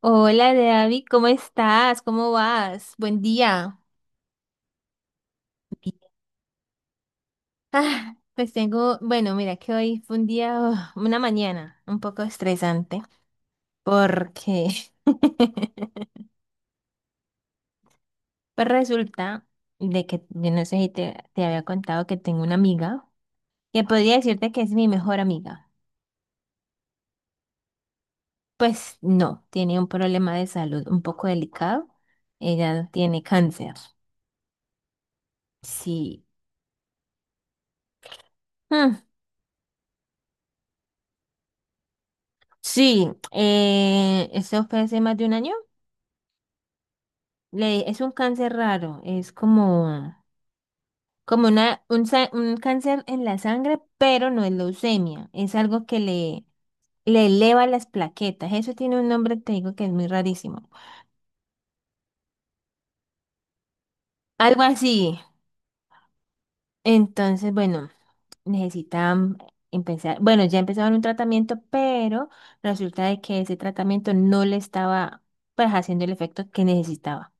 Hola, David, ¿cómo estás? ¿Cómo vas? Buen día. Ah, pues tengo, bueno, mira que hoy fue un día, oh, una mañana un poco estresante porque pues resulta de que yo no sé si te había contado que tengo una amiga que podría decirte que es mi mejor amiga. Pues no, tiene un problema de salud un poco delicado. Ella tiene cáncer. Sí. Mm, sí, eso fue hace más de un año. Es un cáncer raro, es como un cáncer en la sangre, pero no es leucemia, es algo que le eleva las plaquetas. Eso tiene un nombre, te digo que es muy rarísimo. Algo así. Entonces, bueno, necesitan empezar, bueno, ya empezaron un tratamiento, pero resulta de que ese tratamiento no le estaba pues haciendo el efecto que necesitaba.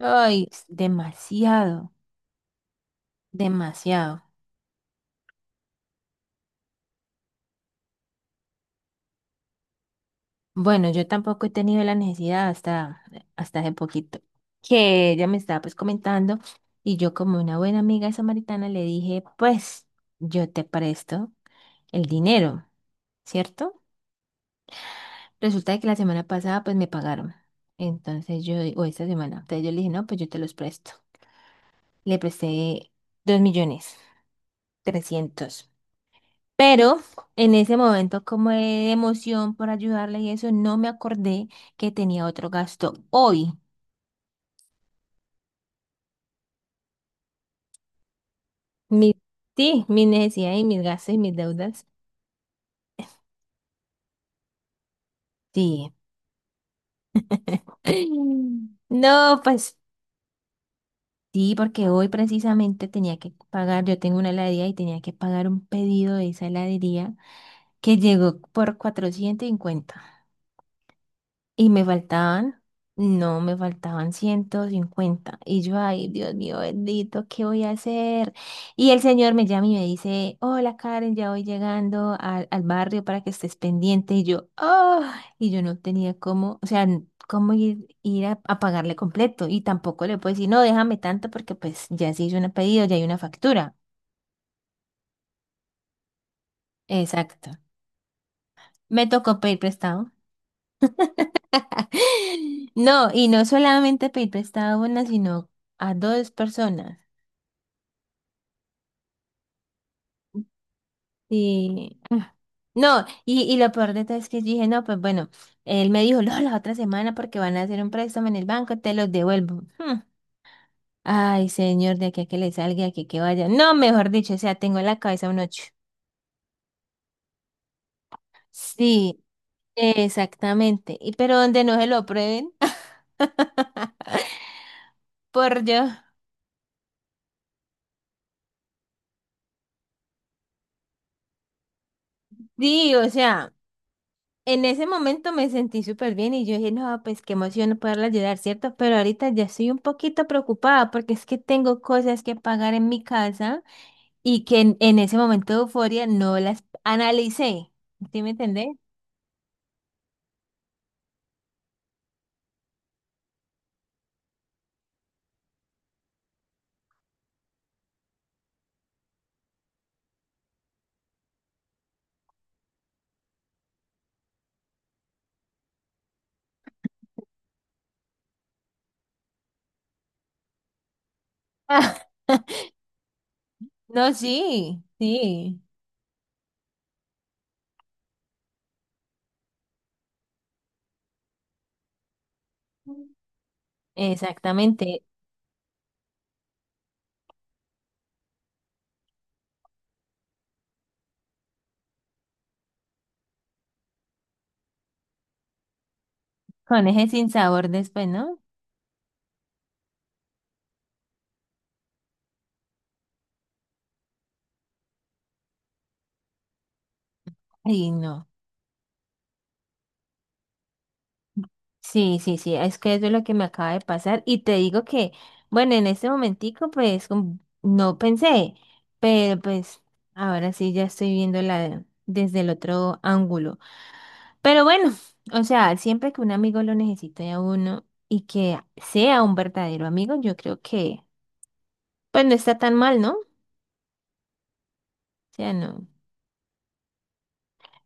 Ay, es demasiado, demasiado. Bueno, yo tampoco he tenido la necesidad hasta hace poquito, que ella me estaba pues comentando y yo como una buena amiga samaritana le dije, pues yo te presto el dinero, ¿cierto? Resulta de que la semana pasada pues me pagaron. Entonces yo, o esta semana, entonces yo le dije, no, pues yo te los presto. Le presté 2.300.000. Pero en ese momento como de emoción por ayudarle y eso, no me acordé que tenía otro gasto hoy. Mi, sí, mis necesidades y mis gastos y mis deudas. Sí. No, pues sí, porque hoy precisamente tenía que pagar, yo tengo una heladería y tenía que pagar un pedido de esa heladería que llegó por 450. Y me faltaban, no, me faltaban 150. Y yo, ay, Dios mío, bendito, ¿qué voy a hacer? Y el señor me llama y me dice, hola Karen, ya voy llegando al barrio para que estés pendiente. Y yo no tenía cómo, o sea, cómo ir a pagarle completo. Y tampoco le puedo decir, no, déjame tanto porque pues ya se hizo un pedido, ya hay una factura. Exacto. Me tocó pedir prestado. No, y no solamente pedir prestado a una, sino a dos personas. Sí. Ah, no, y lo peor de todo es que yo dije, no, pues bueno, él me dijo, no, la otra semana porque van a hacer un préstamo en el banco, te los devuelvo. Hmm. Ay, señor, de aquí a que le salga, de aquí a que vaya. No, mejor dicho, o sea, tengo en la cabeza un ocho. Sí, exactamente. Y pero donde no se lo prueben, por yo. Sí, o sea. En ese momento me sentí súper bien y yo dije, no, pues qué emoción poderla ayudar, ¿cierto? Pero ahorita ya estoy un poquito preocupada porque es que tengo cosas que pagar en mi casa y que en ese momento de euforia no las analicé. ¿Sí me entendés? No, sí, sí. Exactamente. Con ese sinsabor después, ¿no? Ay, no. Sí, sí, sí, es que eso es lo que me acaba de pasar y te digo que, bueno, en este momentico pues como no pensé, pero pues ahora sí ya estoy viéndola desde el otro ángulo. Pero bueno, o sea, siempre que un amigo lo necesite a uno y que sea un verdadero amigo, yo creo que pues no está tan mal, ¿no? O sea, no.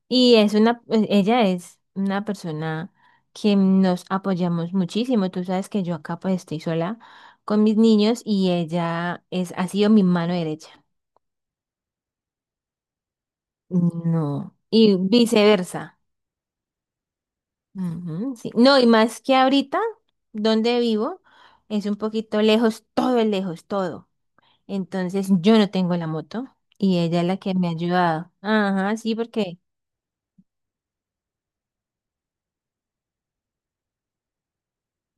Y es ella es una persona que nos apoyamos muchísimo. Tú sabes que yo acá pues estoy sola con mis niños y ella es, ha sido mi mano derecha. No. Y viceversa. Ujú, sí. No, y más que ahorita, donde vivo, es un poquito lejos, todo es lejos, todo. Entonces yo no tengo la moto y ella es la que me ha ayudado. Ajá, sí, porque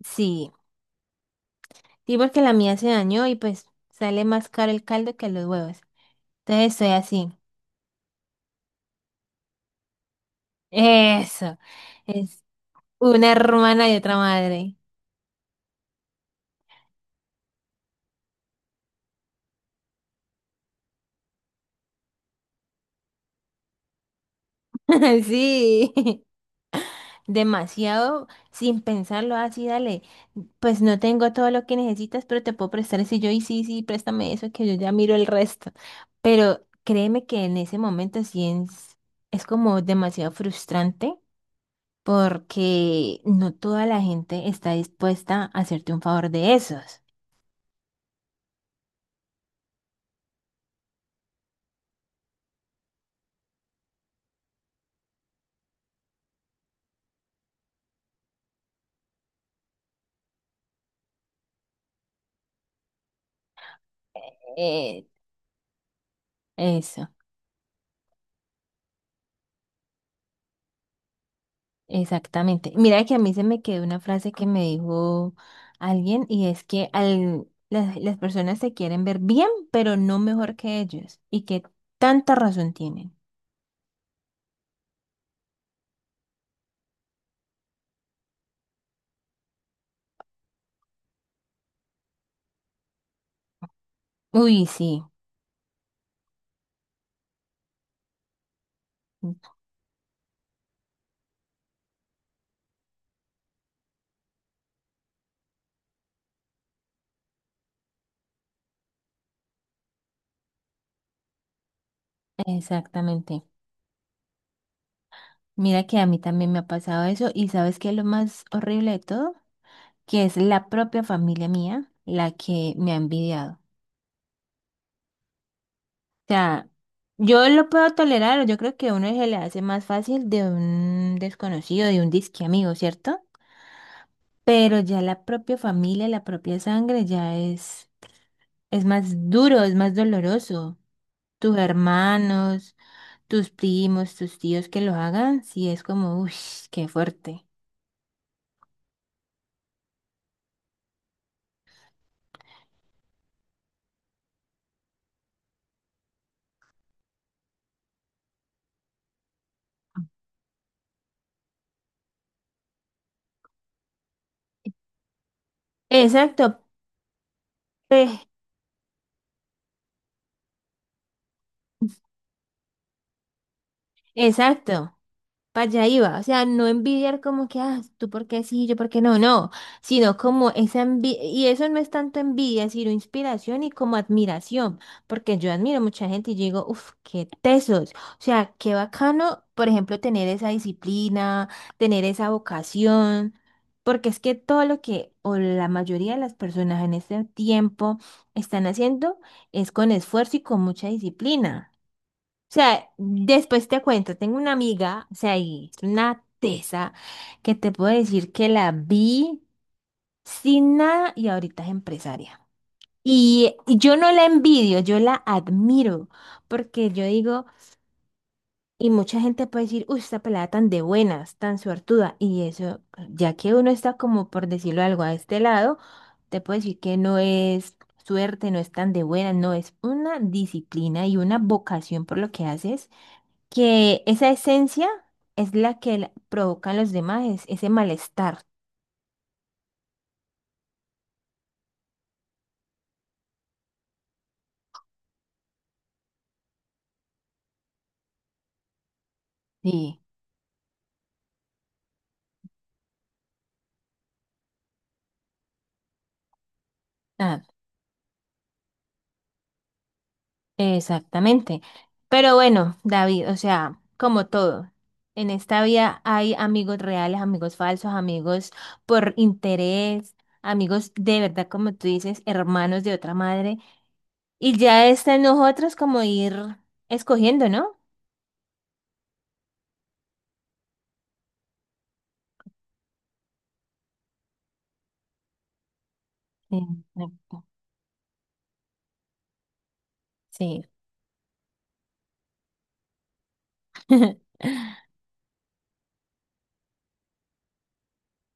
sí. Sí, porque la mía se dañó y pues sale más caro el caldo que los huevos. Entonces soy así. Eso. Es una hermana y otra madre. Sí. Demasiado sin pensarlo así, dale. Pues no tengo todo lo que necesitas, pero te puedo prestar eso. Y yo, y sí, sí, préstame eso, que yo ya miro el resto. Pero créeme que en ese momento sí es como demasiado frustrante porque no toda la gente está dispuesta a hacerte un favor de esos. Eh, eso. Exactamente. Mira que a mí se me quedó una frase que me dijo alguien y es que las personas se quieren ver bien, pero no mejor que ellos. Y que tanta razón tienen. Uy, sí, exactamente. Mira que a mí también me ha pasado eso y ¿sabes qué es lo más horrible de todo? Que es la propia familia mía la que me ha envidiado. O sea, yo lo puedo tolerar, yo creo que a uno se le hace más fácil de un desconocido, de un disque amigo, ¿cierto? Pero ya la propia familia, la propia sangre ya es más duro, es más doloroso. Tus hermanos, tus primos, tus tíos que lo hagan, sí es como, uy, qué fuerte. Exacto, pe- exacto. Para allá iba, o sea, no envidiar como que, ah, tú por qué sí, yo por qué no, no, sino como esa envidia, y eso no es tanto envidia, sino inspiración y como admiración, porque yo admiro mucha gente y yo digo, uff, qué tesos, o sea, qué bacano, por ejemplo, tener esa disciplina, tener esa vocación, porque es que todo lo que, o la mayoría de las personas en este tiempo están haciendo es con esfuerzo y con mucha disciplina. O sea, después te cuento, tengo una amiga, o sea, y es una tesa que te puedo decir que la vi sin nada y ahorita es empresaria. Y yo no la envidio, yo la admiro, porque yo digo, y mucha gente puede decir, uy, esta pelada tan de buenas, tan suertuda, y eso, ya que uno está como por decirlo algo a este lado, te puedo decir que no es suerte, no es tan de buena, no es una disciplina y una vocación por lo que haces que esa esencia es la que provoca en los demás ese malestar. Sí, ah, exactamente. Pero bueno, David, o sea, como todo, en esta vida hay amigos reales, amigos falsos, amigos por interés, amigos de verdad, como tú dices, hermanos de otra madre. Y ya está en nosotros como ir escogiendo, ¿no? Sí, exacto. Sí.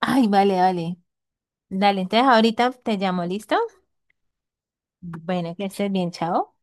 Ay, vale, vale. Dale, entonces ahorita te llamo, ¿listo? Bueno, que estés bien, chao.